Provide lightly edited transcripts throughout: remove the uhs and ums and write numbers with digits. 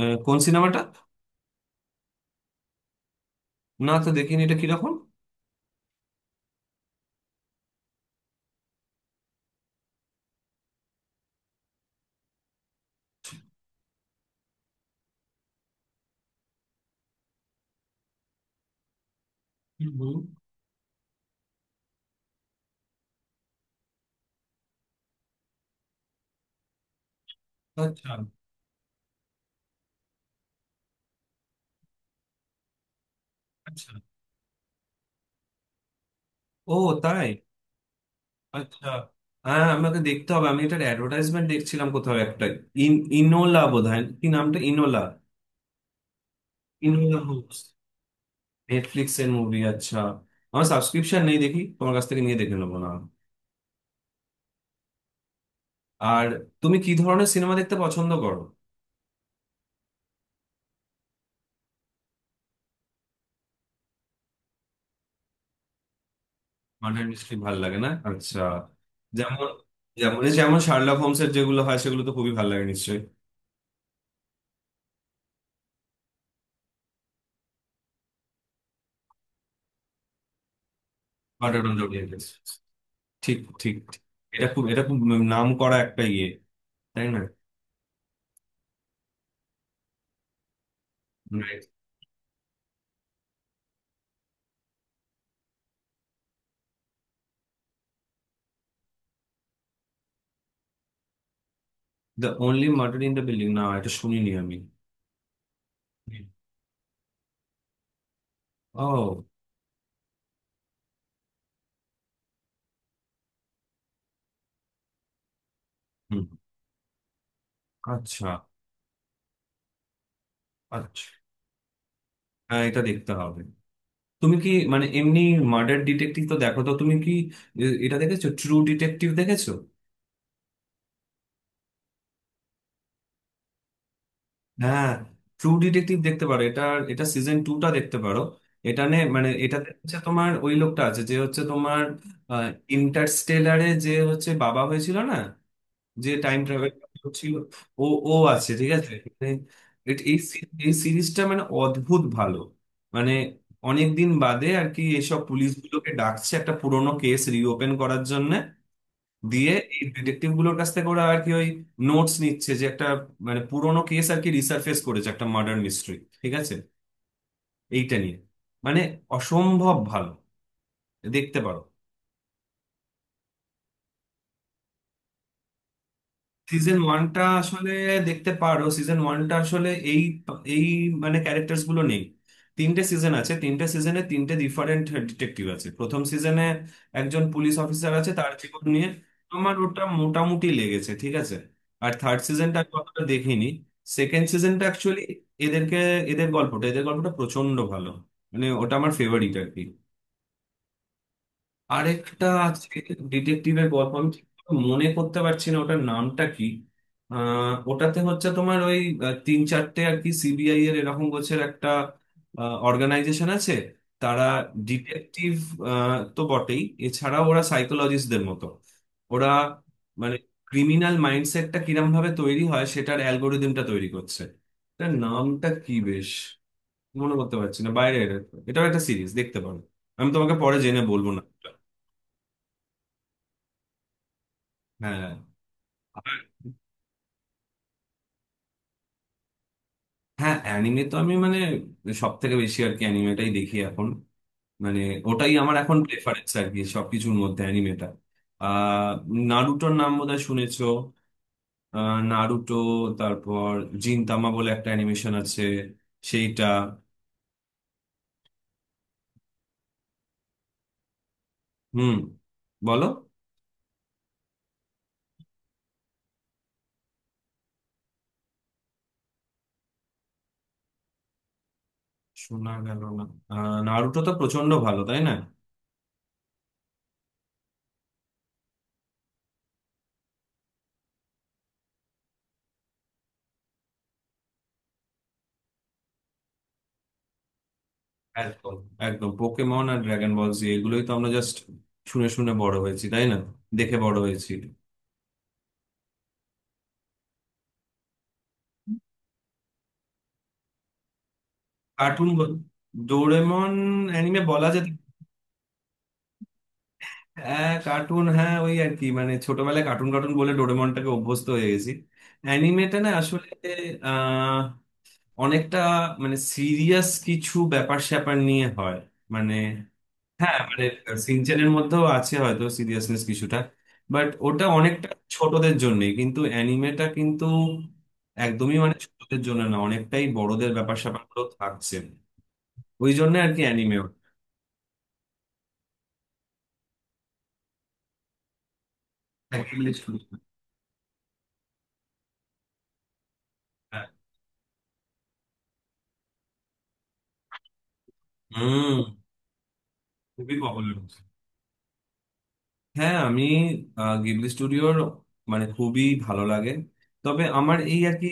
কোন সিনেমাটা? না তো, দেখিনি। এটা কিরকম? হুম, হুম। আচ্ছা আচ্ছা। ও, তাই? আচ্ছা। হ্যাঁ, আমাকে দেখতে হবে। আমি এটার অ্যাডভার্টাইজমেন্ট দেখছিলাম কোথাও একটা। ইন ইনোলা বোধহয়, কি নামটা? ইনোলা? ইনোলা হোমস, নেটফ্লিক্স এর মুভি, আচ্ছা। আমার সাবস্ক্রিপশন নেই, দেখি তোমার কাছ থেকে নিয়ে দেখে নেবো না? আর তুমি কি ধরনের সিনেমা দেখতে পছন্দ করো? মার্ডার মিস্ট্রি ভালো লাগে, না আচ্ছা। যেমন যেমন যেমন শার্লক হোমসের যেগুলো হয় সেগুলো তো খুবই ভালো লাগে নিশ্চয়ই। মার্ডার অন দ্য, ঠিক ঠিক ঠিক। এটা খুব নাম করা একটা ইয়ে, তাই না? Right. The only murder in the building? না, এটা শুনিনি আমি। ও। হুম। আচ্ছা। আচ্ছা, হ্যাঁ, এটা দেখতে হবে। তুমি কি, মানে এমনি মার্ডার ডিটেকটিভ তো দেখো, তো তুমি কি, এটা দেখেছো? ট্রু ডিটেকটিভ দেখেছো? হ্যাঁ, ট্রু ডিটেকটিভ দেখতে পারো এটা। এটা সিজন টুটা দেখতে পারো। এটা নে, মানে এটা হচ্ছে তোমার ওই লোকটা আছে যে হচ্ছে তোমার ইন্টারস্টেলারে যে হচ্ছে বাবা হয়েছিল না, যে টাইম ট্রাভেল ছিল। ও, ও আছে, ঠিক আছে। মানে এই সিরিজটা মানে অদ্ভুত ভালো। মানে অনেক দিন বাদে আর কি এসব পুলিশগুলোকে ডাকছে একটা পুরোনো কেস রিওপেন করার জন্য, দিয়ে এই ডিটেকটিভ গুলোর কাছ থেকে ওরা আর কি ওই নোটস নিচ্ছে। যে একটা, মানে পুরোনো কেস আর কি রিসার্ফেস করেছে একটা মার্ডার মিস্ট্রি, ঠিক আছে, এইটা নিয়ে। মানে অসম্ভব ভালো, দেখতে পারো। সিজন ওয়ানটা আসলে দেখতে পারো। সিজন ওয়ানটা আসলে এই এই মানে ক্যারেক্টার্স গুলো নেই। তিনটে সিজন আছে, তিনটে সিজনে তিনটে ডিফারেন্ট ডিটেকটিভ আছে। প্রথম সিজনে একজন পুলিশ অফিসার আছে, তার জীবন নিয়ে। আমার ওটা মোটামুটি লেগেছে, ঠিক আছে। আর থার্ড সিজনটা আমি অতটা দেখিনি। সেকেন্ড সিজনটা অ্যাকচুয়ালি এদেরকে, এদের গল্পটা প্রচন্ড ভালো। মানে ওটা আমার ফেভারিট আর কি। আরেকটা আছে ডিটেকটিভের গল্প, আমি ঠিক মনে করতে পারছি না ওটার নামটা কি। ওটাতে হচ্ছে তোমার ওই, তিন চারটে আর কি সিবিআই এর এরকম গোছের একটা অর্গানাইজেশন আছে। তারা ডিটেকটিভ তো বটেই, এছাড়া ওরা সাইকোলজিস্টদের মতো। ওরা মানে ক্রিমিনাল মাইন্ডসেটটা কিরম ভাবে তৈরি হয় সেটার অ্যালগোরিদমটা তৈরি করছে। তার নামটা কি বেশ মনে করতে পারছি না বাইরে। এটাও একটা সিরিজ, দেখতে পারো। আমি তোমাকে পরে জেনে বলবো না। হ্যাঁ। আর- হ্যাঁ, অ্যানিমে তো আমি মানে সব থেকে বেশি আর কি অ্যানিমেটাই দেখি এখন। মানে ওটাই আমার এখন প্রেফারেন্স আর কি, সবকিছুর মধ্যে অ্যানিমেটা। আহ নারুটোর নাম বোধহয় শুনেছো। নারুটো, তারপর জিনতামা বলে একটা অ্যানিমেশন আছে, সেইটা। হুম, বলো, শোনা গেল না। নারুটো তো প্রচন্ড ভালো, তাই না? একদম, একদম, পোকেমন আর ড্রাগন বল জি এগুলোই তো আমরা জাস্ট শুনে শুনে বড় হয়েছি, তাই না? দেখে বড় হয়েছি। কার্টুন বল- ডোরেমন অ্যানিমে বলা যেত। হ্যাঁ কার্টুন, হ্যাঁ ওই আর কি, মানে ছোটবেলায় কার্টুন কার্টুন বলে ডোরেমনটাকে অভ্যস্ত হয়ে গেছি। অ্যানিমেটা না আসলে আহ অনেকটা মানে সিরিয়াস কিছু ব্যাপার স্যাপার নিয়ে হয়, মানে। হ্যাঁ মানে, সিনচানের মধ্যেও আছে হয়তো সিরিয়াসনেস কিছুটা, বাট ওটা অনেকটা ছোটদের জন্যই। কিন্তু অ্যানিমেটা কিন্তু একদমই মানে ছোটদের জন্য না, অনেকটাই বড়দের ব্যাপার স্যাপার গুলো থাকছে, ওই জন্য আর কি। অ্যানিমে, হুম, খুবই পপুলার। হ্যাঁ আমি, গিবলি স্টুডিওর মানে খুবই ভালো লাগে। তবে আমার এই আর কি,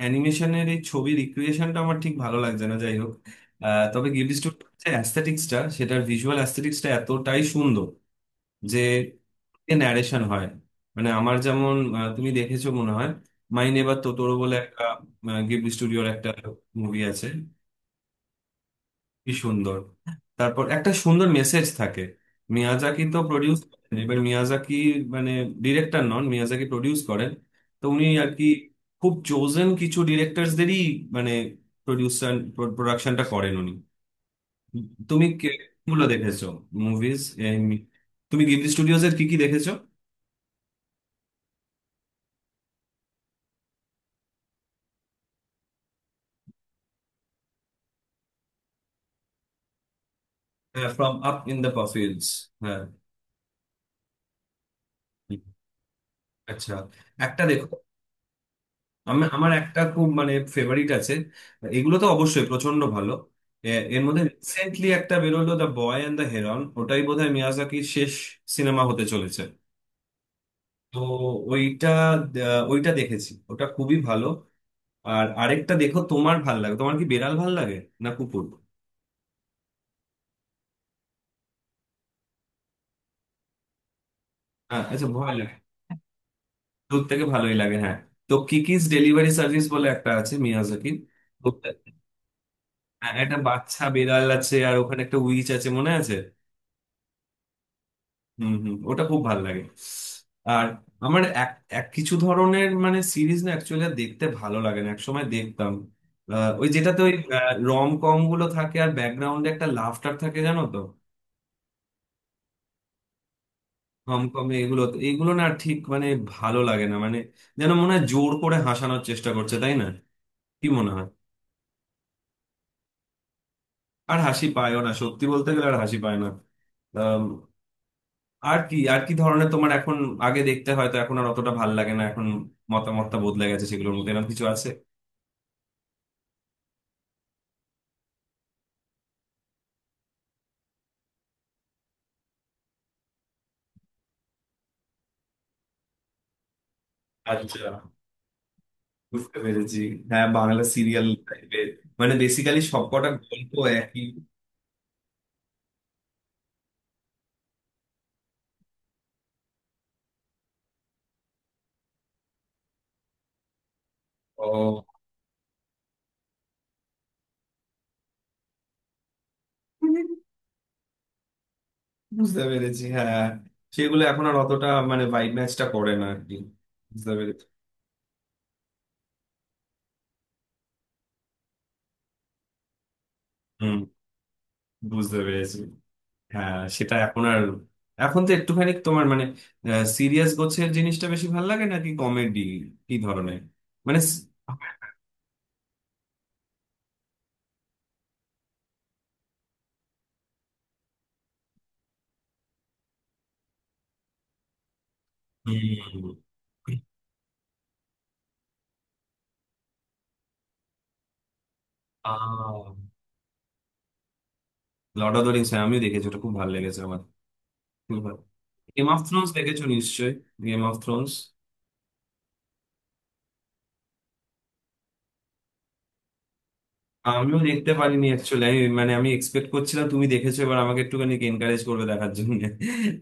অ্যানিমেশনের এই ছবি রিক্রিয়েশনটা আমার ঠিক ভালো লাগছে না, যাই হোক। তবে গিবলি স্টুডিওর যে অ্যাস্থেটিক্সটা, সেটার ভিজুয়াল অ্যাস্থেটিক্সটা এতটাই সুন্দর যে ন্যারেশন হয়। মানে আমার যেমন, তুমি দেখেছো মনে হয়, মাই নেবার তোতোরো বলে একটা গিবলি স্টুডিওর একটা মুভি আছে, কি সুন্দর! তারপর একটা সুন্দর মেসেজ থাকে। মিয়াজাকি তো প্রডিউস করেন, এবার মিয়াজাকি মানে ডিরেক্টর নন, মিয়াজাকি প্রডিউস করেন। তো উনি আর কি খুব চোজেন কিছু ডিরেক্টরসদেরই মানে প্রডিউসার, প্রোডাকশনটা করেন উনি। তুমি গুলো দেখেছো মুভিজ? তুমি গিবলি স্টুডিওজ এর কি কি দেখেছো? হ্যাঁ, from up in the Poppy Hills, হ্যাঁ। আচ্ছা, একটা দেখো, আমি আমার একটা খুব মানে ফেভারিট আছে। এগুলো তো অবশ্যই প্রচন্ড ভালো। এর মধ্যে রিসেন্টলি একটা বেরোলো, the boy and the heron, ওটাই বোধহয় মিয়াজাকির শেষ সিনেমা হতে চলেছে। তো ওইটা, ওইটা দেখেছি, ওটা খুবই ভালো। আর আরেকটা দেখো, তোমার ভাল লাগে? তোমার কি বিড়াল ভাল লাগে না কুকুর? হ্যাঁ, আচ্ছা, ভয় লাগে। দূর থেকে ভালোই লাগে, হ্যাঁ। তো কিকিস ডেলিভারি সার্ভিস বলে একটা আছে মিয়াজাকির। ওটা- হ্যাঁ, একটা বাচ্চা বিড়াল আছে আর ওখানে একটা উইচ আছে, মনে আছে। হুম হুম, ওটা খুব ভালো লাগে। আর আমার এক এক কিছু ধরনের মানে সিরিজ না অ্যাকচুয়ালি দেখতে ভালো লাগে না, একসময় দেখতাম। ওই যেটাতে ওই রম কম গুলো থাকে আর ব্যাকগ্রাউন্ডে একটা লাফটার থাকে, জানো তো। রম কম এগুলো না ঠিক মানে ভালো লাগে না। মানে যেন মনে হয় জোর করে হাসানোর চেষ্টা করছে, তাই না? কি মনে হয়? আর হাসি পায়ও না, সত্যি বলতে গেলে আর হাসি পায় না। আম, আর কি, আর কি ধরনের তোমার এখন, আগে দেখতে হয়তো, এখন আর অতটা ভালো লাগে না, এখন মতামতটা বদলে গেছে সেগুলোর মধ্যে এরকম কিছু আছে? আচ্ছা, বুঝতে পেরেছি। হ্যাঁ, বাংলা সিরিয়াল টাইপের, মানে বেসিক্যালি সবকটা গল্প একই। ও, বুঝতে পেরেছি। হ্যাঁ, সেগুলো এখন আর অতটা মানে ভাইব ম্যাচটা করে না আর কি, বুঝতে পেরেছি। হুম, বুঝতে পেরেছি। হ্যাঁ সেটা এখন আর, এখন তো একটুখানি তোমার মানে সিরিয়াস গোছের জিনিসটা বেশি ভালো লাগে নাকি কমেডি, কি ধরনের মানে হুম। লর্ড অফ দ্য রিংস আমিও দেখেছি, ওটা খুব ভালো লেগেছে আমার। গেম অফ থ্রোনস দেখেছো নিশ্চয়ই? গেম অফ থ্রোনস, আমিও দেখতে পারিনি অ্যাকচুয়ালি। আমি মানে আমি এক্সপেক্ট করছিলাম তুমি দেখেছো এবার আমাকে একটুখানি এনকারেজ করবে দেখার জন্য।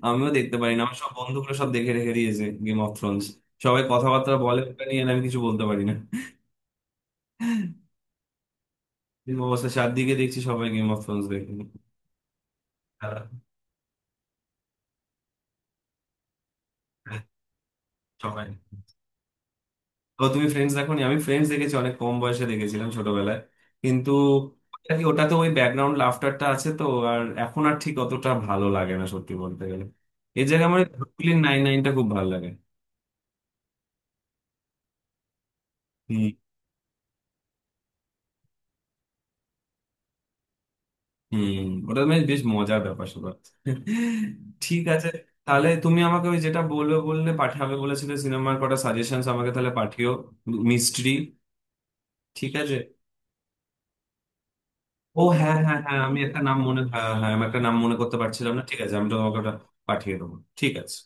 আমিও দেখতে পারিনি, আমার সব বন্ধুগুলো সব দেখে রেখে দিয়েছে গেম অফ থ্রোনস। সবাই কথাবার্তা বলে ওটা নিয়ে আর আমি কিছু বলতে পারি না। এরকম অবস্থা চারদিকে দেখছি, সবাই গেম অফ থ্রোনস দেখে। হ্যাঁ, সবাই। ও তুমি ফ্রেন্ডস দেখোনি? আমি ফ্রেন্ডস দেখেছি, অনেক কম বয়সে দেখেছিলাম ছোটবেলায়। কিন্তু ওটাতে ওই ব্যাকগ্রাউন্ড লাফটারটা আছে তো, আর এখন আর ঠিক অতটা ভালো লাগে না সত্যি বলতে গেলে। এর জায়গায় আমার ব্রুকলিন নাইন নাইনটা খুব ভালো লাগে। হুম হুম। ওটা বেশ বেশ মজার ব্যাপার স্যাপার, ঠিক আছে। তাহলে তুমি আমাকে ওই যেটা বলবে বললে পাঠাবে বলেছিলে, সিনেমার কটা সাজেশন আমাকে তাহলে পাঠিও, মিস্ট্রি, ঠিক আছে। ও হ্যাঁ হ্যাঁ হ্যাঁ, আমি একটা নাম মনে, হ্যাঁ হ্যাঁ আমি একটা নাম মনে করতে পারছিলাম না, ঠিক আছে আমি তোমাকে ওটা পাঠিয়ে দেবো, ঠিক আছে।